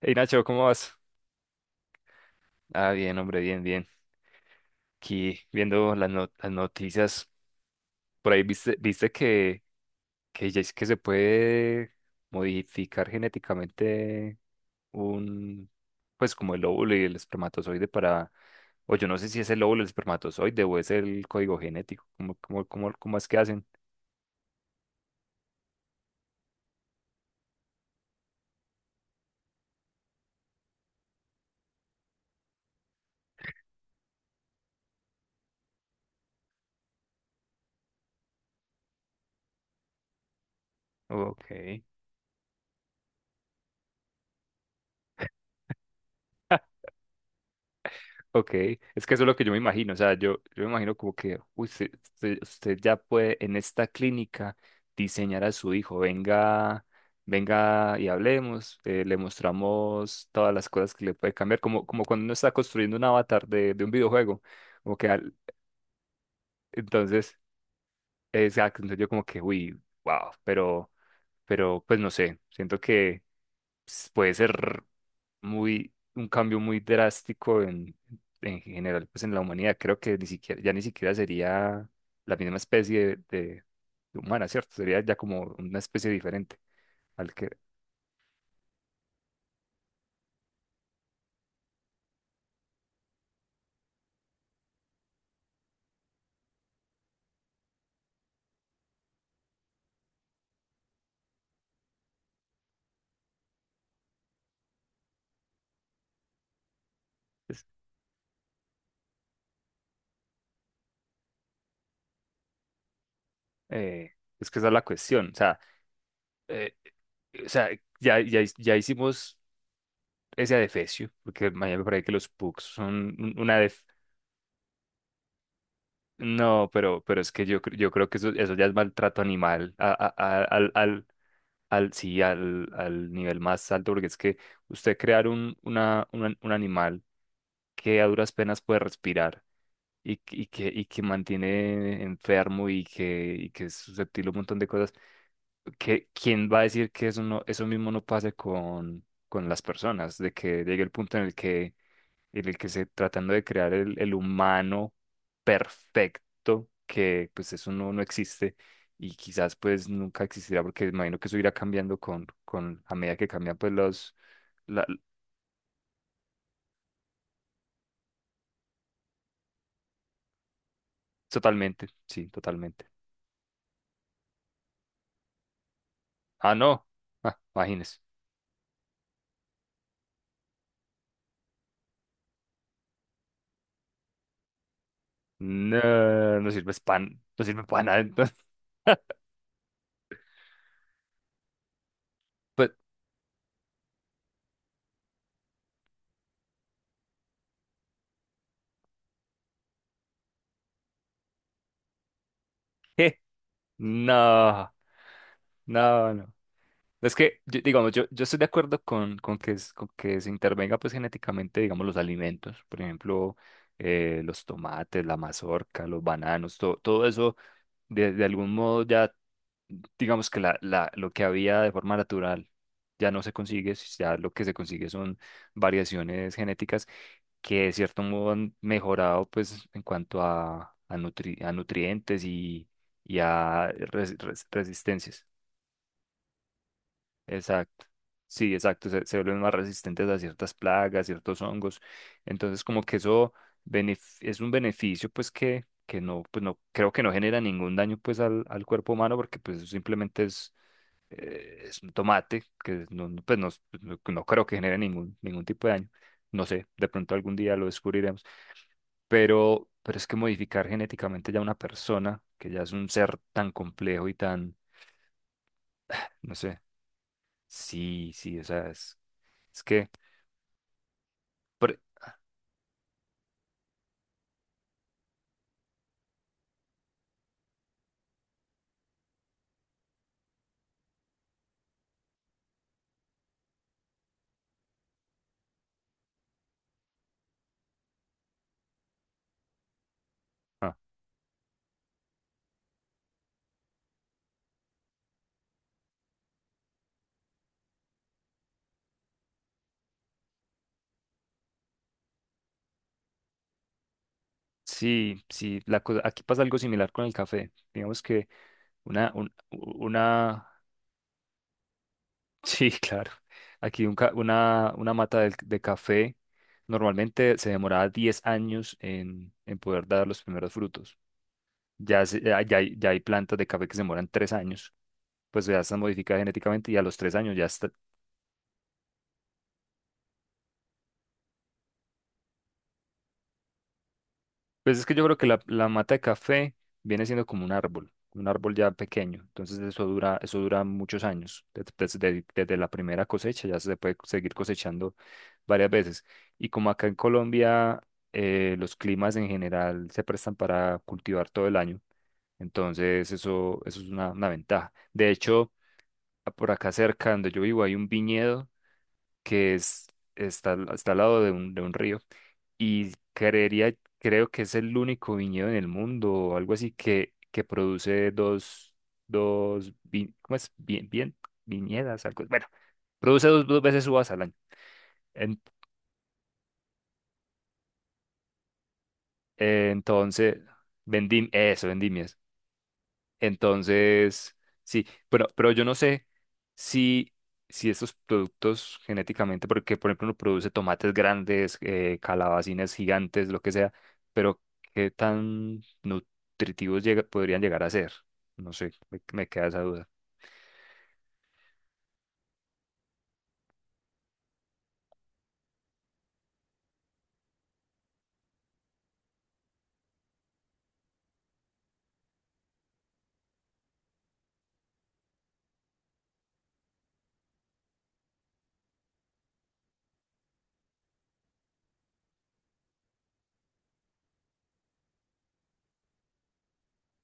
Hey Nacho, ¿cómo vas? Ah, bien, hombre, bien, bien. Aquí viendo las, no- las noticias, por ahí viste que, ya es que se puede modificar genéticamente un, pues como el óvulo y el espermatozoide para, o yo no sé si es el óvulo, el espermatozoide o es el código genético. ¿Cómo es que hacen? Ok. Ok, es que eso es lo que yo me imagino. O sea, yo me imagino como que uy, usted ya puede en esta clínica diseñar a su hijo, venga, venga y hablemos, le mostramos todas las cosas que le puede cambiar, como cuando uno está construyendo un avatar de un videojuego, como que entonces, exacto, entonces yo como que, uy, wow, pero pues no sé, siento que pues, puede ser, un cambio muy drástico en general, pues en la humanidad. Creo que ni siquiera, ya ni siquiera sería la misma especie de humana, ¿cierto? Sería ya como una especie diferente al que es, eh, es que esa es la cuestión. O sea, eh, o sea, ya hicimos ese adefesio, porque mañana me parece que los pugs son un- una def-. No, pero es que yo creo que eso ya es maltrato animal sí, al nivel más alto, porque es que usted crear un animal que a duras penas puede respirar y que mantiene enfermo y que es susceptible a un montón de cosas. Que, ¿quién va a decir que eso, no, eso mismo no pase con las personas? De que llegue el punto en el que se tratando de crear el humano perfecto, que pues eso no existe y quizás pues nunca existirá porque me imagino que eso irá cambiando con, a medida que cambian pues los, la- Totalmente, sí, totalmente. Ah, no, ah, imagínese. No, no sirve pan, no sirve para nada entonces. Pues, ¿qué? No, no, no. Es que, digamos, yo estoy de acuerdo con que se intervenga pues genéticamente, digamos, los alimentos, por ejemplo, los tomates, la mazorca, los bananos, todo eso, de algún modo ya, digamos que lo que había de forma natural ya no se consigue, si ya lo que se consigue son variaciones genéticas que de cierto modo han mejorado pues en cuanto a nutrientes y a resistencias. Exacto. Sí, exacto. Se vuelven más resistentes a ciertas plagas, ciertos hongos. Entonces, como que eso es un beneficio, pues que no, pues no, creo que no genera ningún daño pues al, al cuerpo humano, porque pues eso simplemente es un tomate, que no, pues no creo que genere ningún tipo de daño. No sé, de pronto algún día lo descubriremos. Pero es que modificar genéticamente ya una persona, que ya es un ser tan complejo y tan, no sé. Sí, sí, o sea, es que por- ah, sí, sí, la cosa, aquí pasa algo similar con el café. Digamos que una. Sí, claro, aquí una mata de café normalmente se demoraba 10 años en poder dar los primeros frutos. Ya hay plantas de café que se demoran 3 años, pues ya están modificadas genéticamente y a los 3 años ya está. Pues es que yo creo que la mata de café viene siendo como un árbol ya pequeño. Entonces eso dura muchos años. Desde la primera cosecha ya se puede seguir cosechando varias veces. Y como acá en Colombia los climas en general se prestan para cultivar todo el año, entonces eso es una ventaja. De hecho, por acá cerca donde yo vivo hay un viñedo que está, está al lado de un río y creería, creo que es el único viñedo en el mundo o algo así que produce dos, ¿cómo es? Bien, bien, viñedas, algo. Bueno, produce dos veces uvas al año. En- entonces, eso, vendimias. Entonces, sí, pero yo no sé si, si estos productos genéticamente, porque por ejemplo uno produce tomates grandes, calabacines gigantes, lo que sea, pero qué tan nutritivos podrían llegar a ser. No sé, me queda esa duda.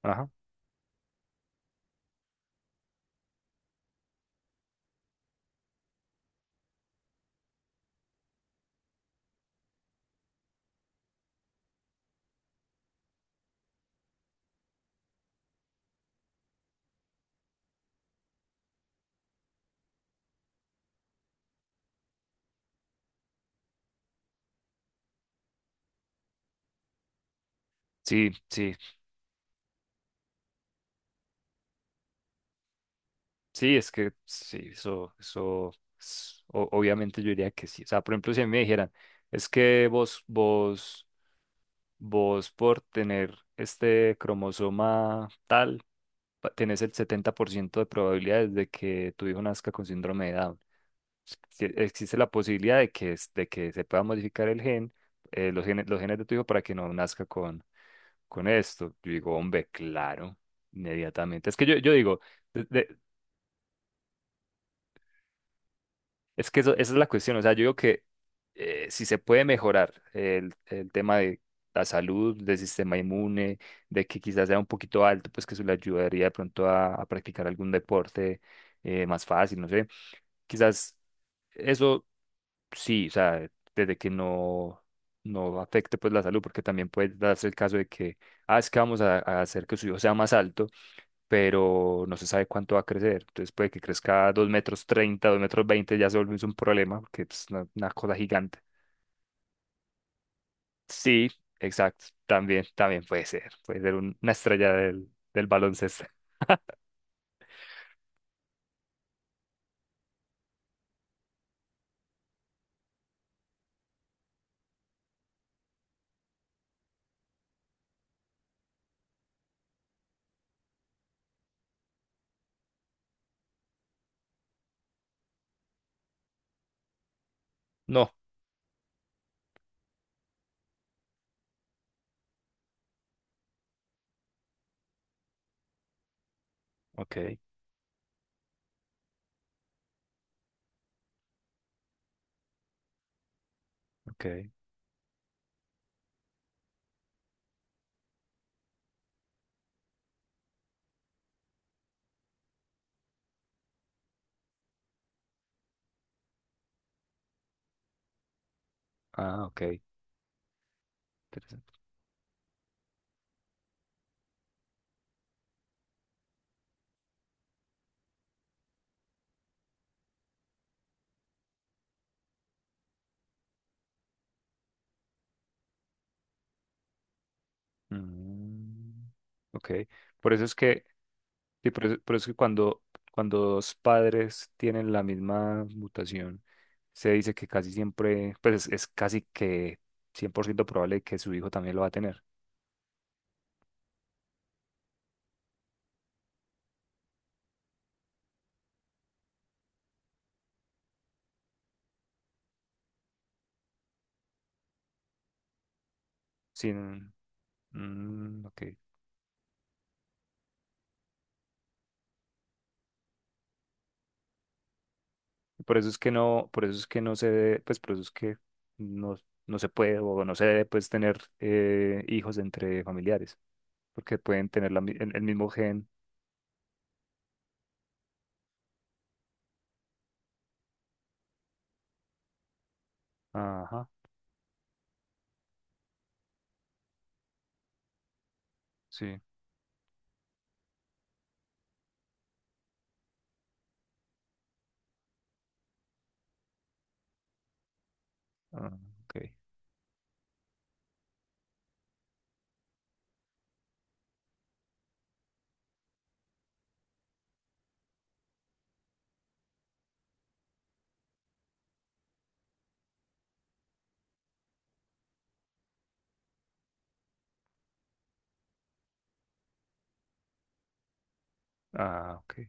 Ajá. Sí, sí, sí, es que sí, eso, obviamente yo diría que sí. O sea, por ejemplo, si a mí me dijeran, es que vos por tener este cromosoma tal, tenés el 70% de probabilidades de que tu hijo nazca con síndrome de Down. Existe la posibilidad de que, de que se pueda modificar el gen, los genes de tu hijo para que no nazca con esto. Yo digo, hombre, claro, inmediatamente. Es que yo digo, es que eso, esa es la cuestión. O sea, yo digo que si se puede mejorar el tema de la salud, del sistema inmune, de que quizás sea un poquito alto, pues que eso le ayudaría de pronto a practicar algún deporte más fácil, no sé. Quizás eso sí. O sea, desde que no afecte pues la salud, porque también puede darse el caso de que, ah, es que vamos a hacer que su hijo sea más alto pero no se sabe cuánto va a crecer. Entonces puede que crezca 2,30 m, 2,20 m ya se vuelve un problema, porque es una cosa gigante. Sí, exacto. También, también puede ser. Puede ser una estrella del baloncesto. No. Ok, ok. Ah, ok. Interesante. Mm, ok. Por eso es que. Sí, por eso que cuando dos padres tienen la misma mutación, se dice que casi siempre, pues es casi que 100% probable que su hijo también lo va a tener. Sin, mm, mm, ok. Por eso es que no, por eso es que no se debe, pues por eso es que no, no se puede o no se debe pues tener hijos entre familiares, porque pueden tener el mismo gen. Ajá, sí. Ah, ok. Ah, ok.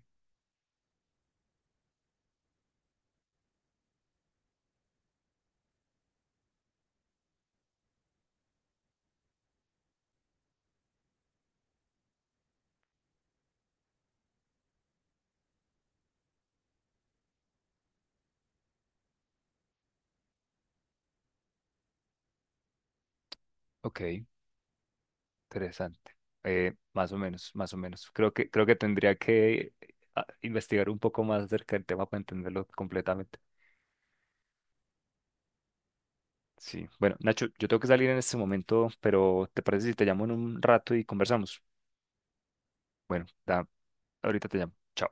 Ok. Interesante. Más o menos, más o menos. Creo que tendría que investigar un poco más acerca del tema para entenderlo completamente. Sí. Bueno, Nacho, yo tengo que salir en este momento, pero ¿te parece si te llamo en un rato y conversamos? Bueno, ahorita te llamo. Chao.